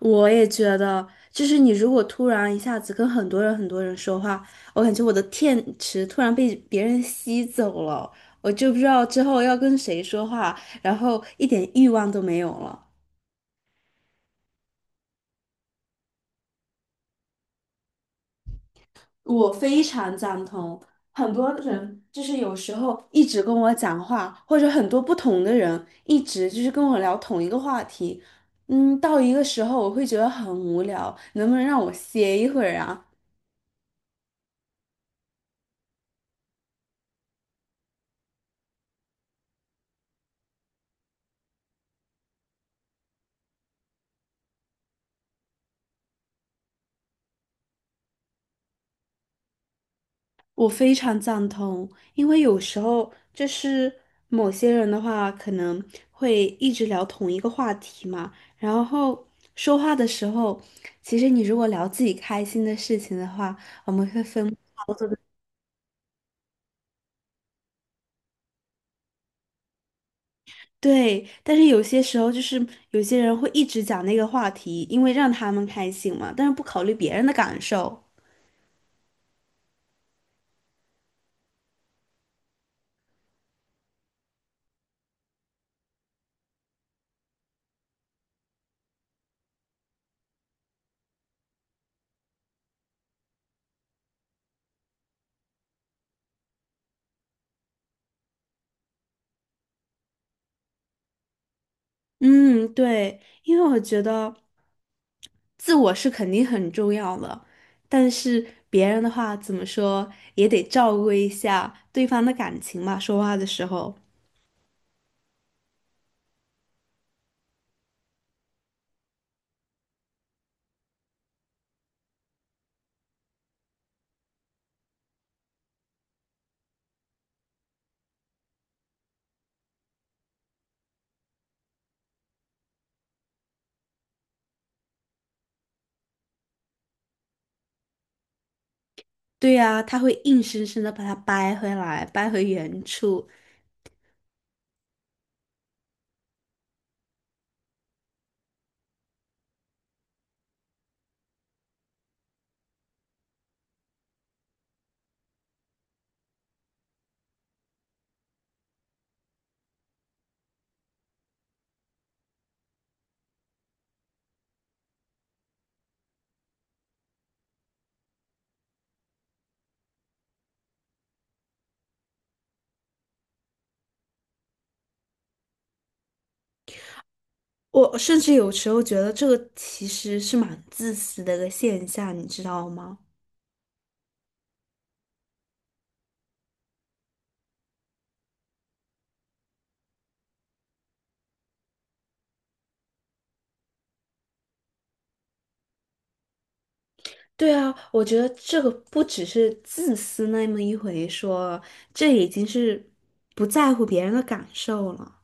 我也觉得，就是你如果突然一下子跟很多人说话，我感觉我的电池突然被别人吸走了，我就不知道之后要跟谁说话，然后一点欲望都没有了。我非常赞同，很多人就是有时候一直跟我讲话，或者很多不同的人一直就是跟我聊同一个话题，到一个时候我会觉得很无聊，能不能让我歇一会儿啊？我非常赞同，因为有时候就是某些人的话，可能会一直聊同一个话题嘛，然后说话的时候，其实你如果聊自己开心的事情的话，我们会分好多的。对，但是有些时候就是有些人会一直讲那个话题，因为让他们开心嘛，但是不考虑别人的感受。嗯，对，因为我觉得自我是肯定很重要的，但是别人的话怎么说也得照顾一下对方的感情嘛，说话的时候。对呀，他会硬生生的把它掰回来，掰回原处。我甚至有时候觉得这个其实是蛮自私的一个现象，你知道吗？对啊，我觉得这个不只是自私那么一回说，这已经是不在乎别人的感受了。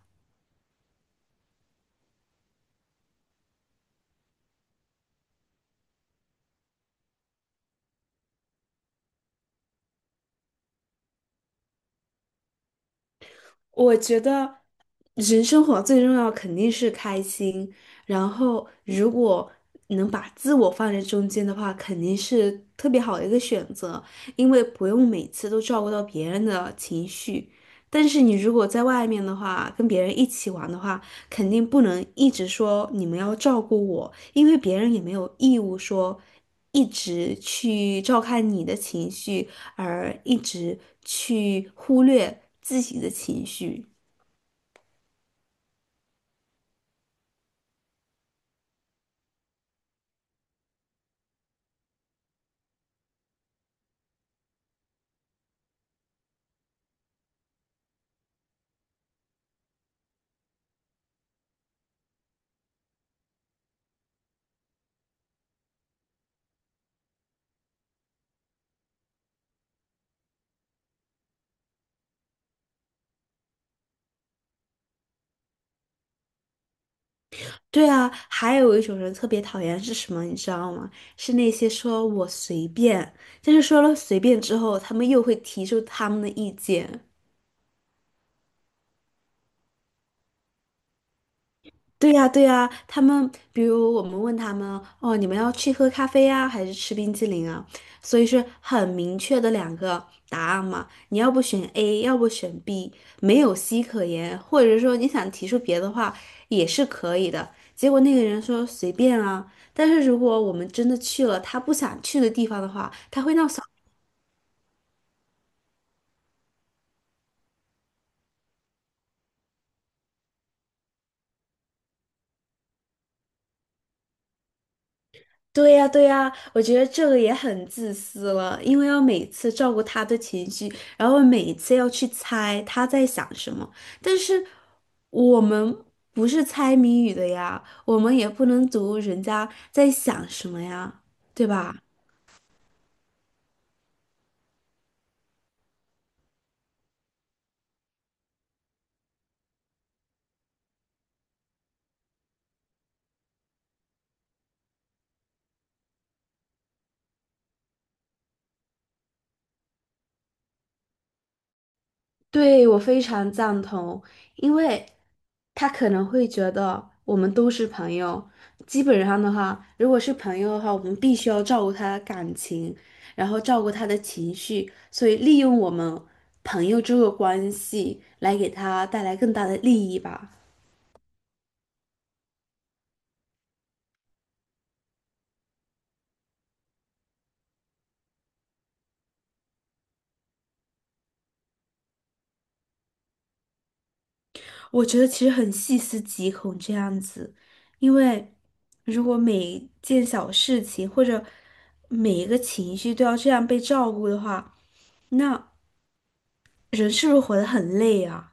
我觉得人生活最重要肯定是开心，然后如果能把自我放在中间的话，肯定是特别好的一个选择，因为不用每次都照顾到别人的情绪。但是你如果在外面的话，跟别人一起玩的话，肯定不能一直说你们要照顾我，因为别人也没有义务说一直去照看你的情绪，而一直去忽略自己的情绪。对啊，还有一种人特别讨厌是什么，你知道吗？是那些说我随便，但是说了随便之后，他们又会提出他们的意见。对呀，对呀，他们比如我们问他们，哦，你们要去喝咖啡啊，还是吃冰激凌啊？所以是很明确的两个答案嘛。你要不选 A，要不选 B，没有 C 可言，或者说你想提出别的话也是可以的。结果那个人说随便啊，但是如果我们真的去了他不想去的地方的话，他会。对呀，对呀，我觉得这个也很自私了，因为要每次照顾他的情绪，然后每一次要去猜他在想什么。但是我们不是猜谜语的呀，我们也不能读人家在想什么呀，对吧？对，我非常赞同，因为他可能会觉得我们都是朋友。基本上的话，如果是朋友的话，我们必须要照顾他的感情，然后照顾他的情绪，所以利用我们朋友这个关系来给他带来更大的利益吧。我觉得其实很细思极恐这样子，因为如果每件小事情或者每一个情绪都要这样被照顾的话，那，人是不是活得很累啊？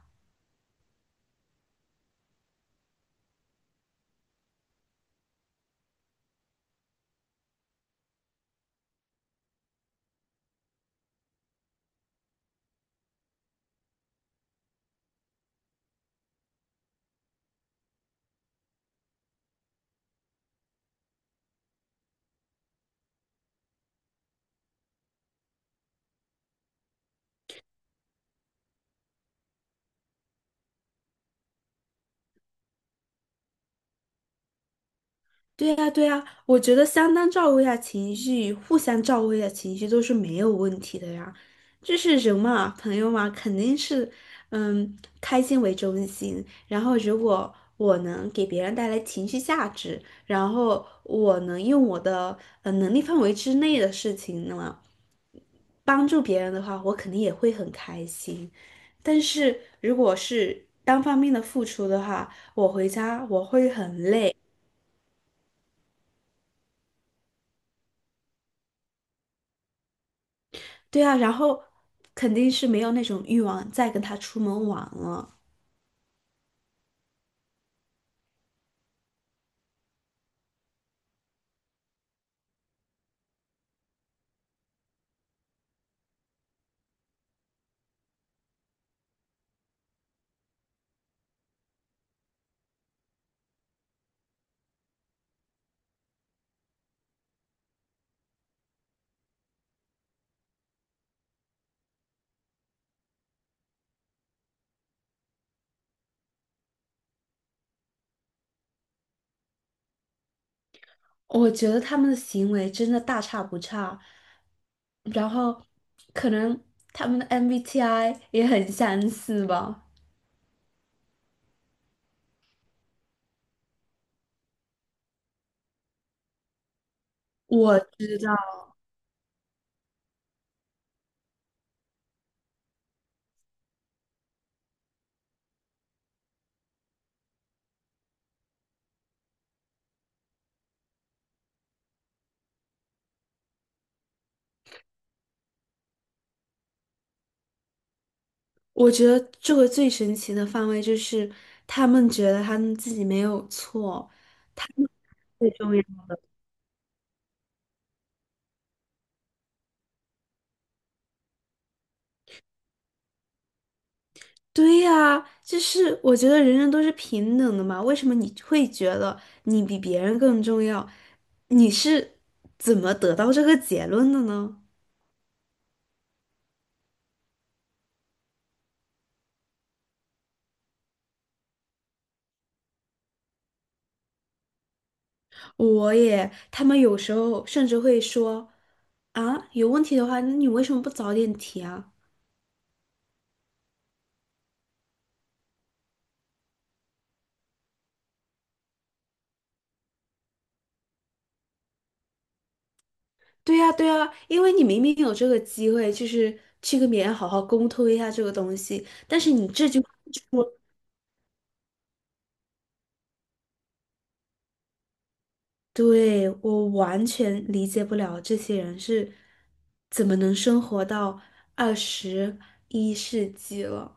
对呀，对呀，我觉得相当照顾一下情绪，互相照顾一下情绪都是没有问题的呀。就是人嘛，朋友嘛，肯定是，嗯，开心为中心。然后，如果我能给别人带来情绪价值，然后我能用我的能力范围之内的事情呢，帮助别人的话，我肯定也会很开心。但是如果是单方面的付出的话，我回家我会很累。对啊，然后肯定是没有那种欲望再跟他出门玩了。我觉得他们的行为真的大差不差，然后可能他们的 MBTI 也很相似吧。我知道，我觉得这个最神奇的范围就是他们觉得他们自己没有错，最重要。对呀，就是我觉得人人都是平等的嘛，为什么你会觉得你比别人更重要？你是怎么得到这个结论的呢？我也，他们有时候甚至会说，啊，有问题的话，那你为什么不早点提啊？对呀，对呀，因为你明明有这个机会，就是去跟别人好好沟通一下这个东西，但是你这句话。对，我完全理解不了这些人是怎么能生活到21世纪了。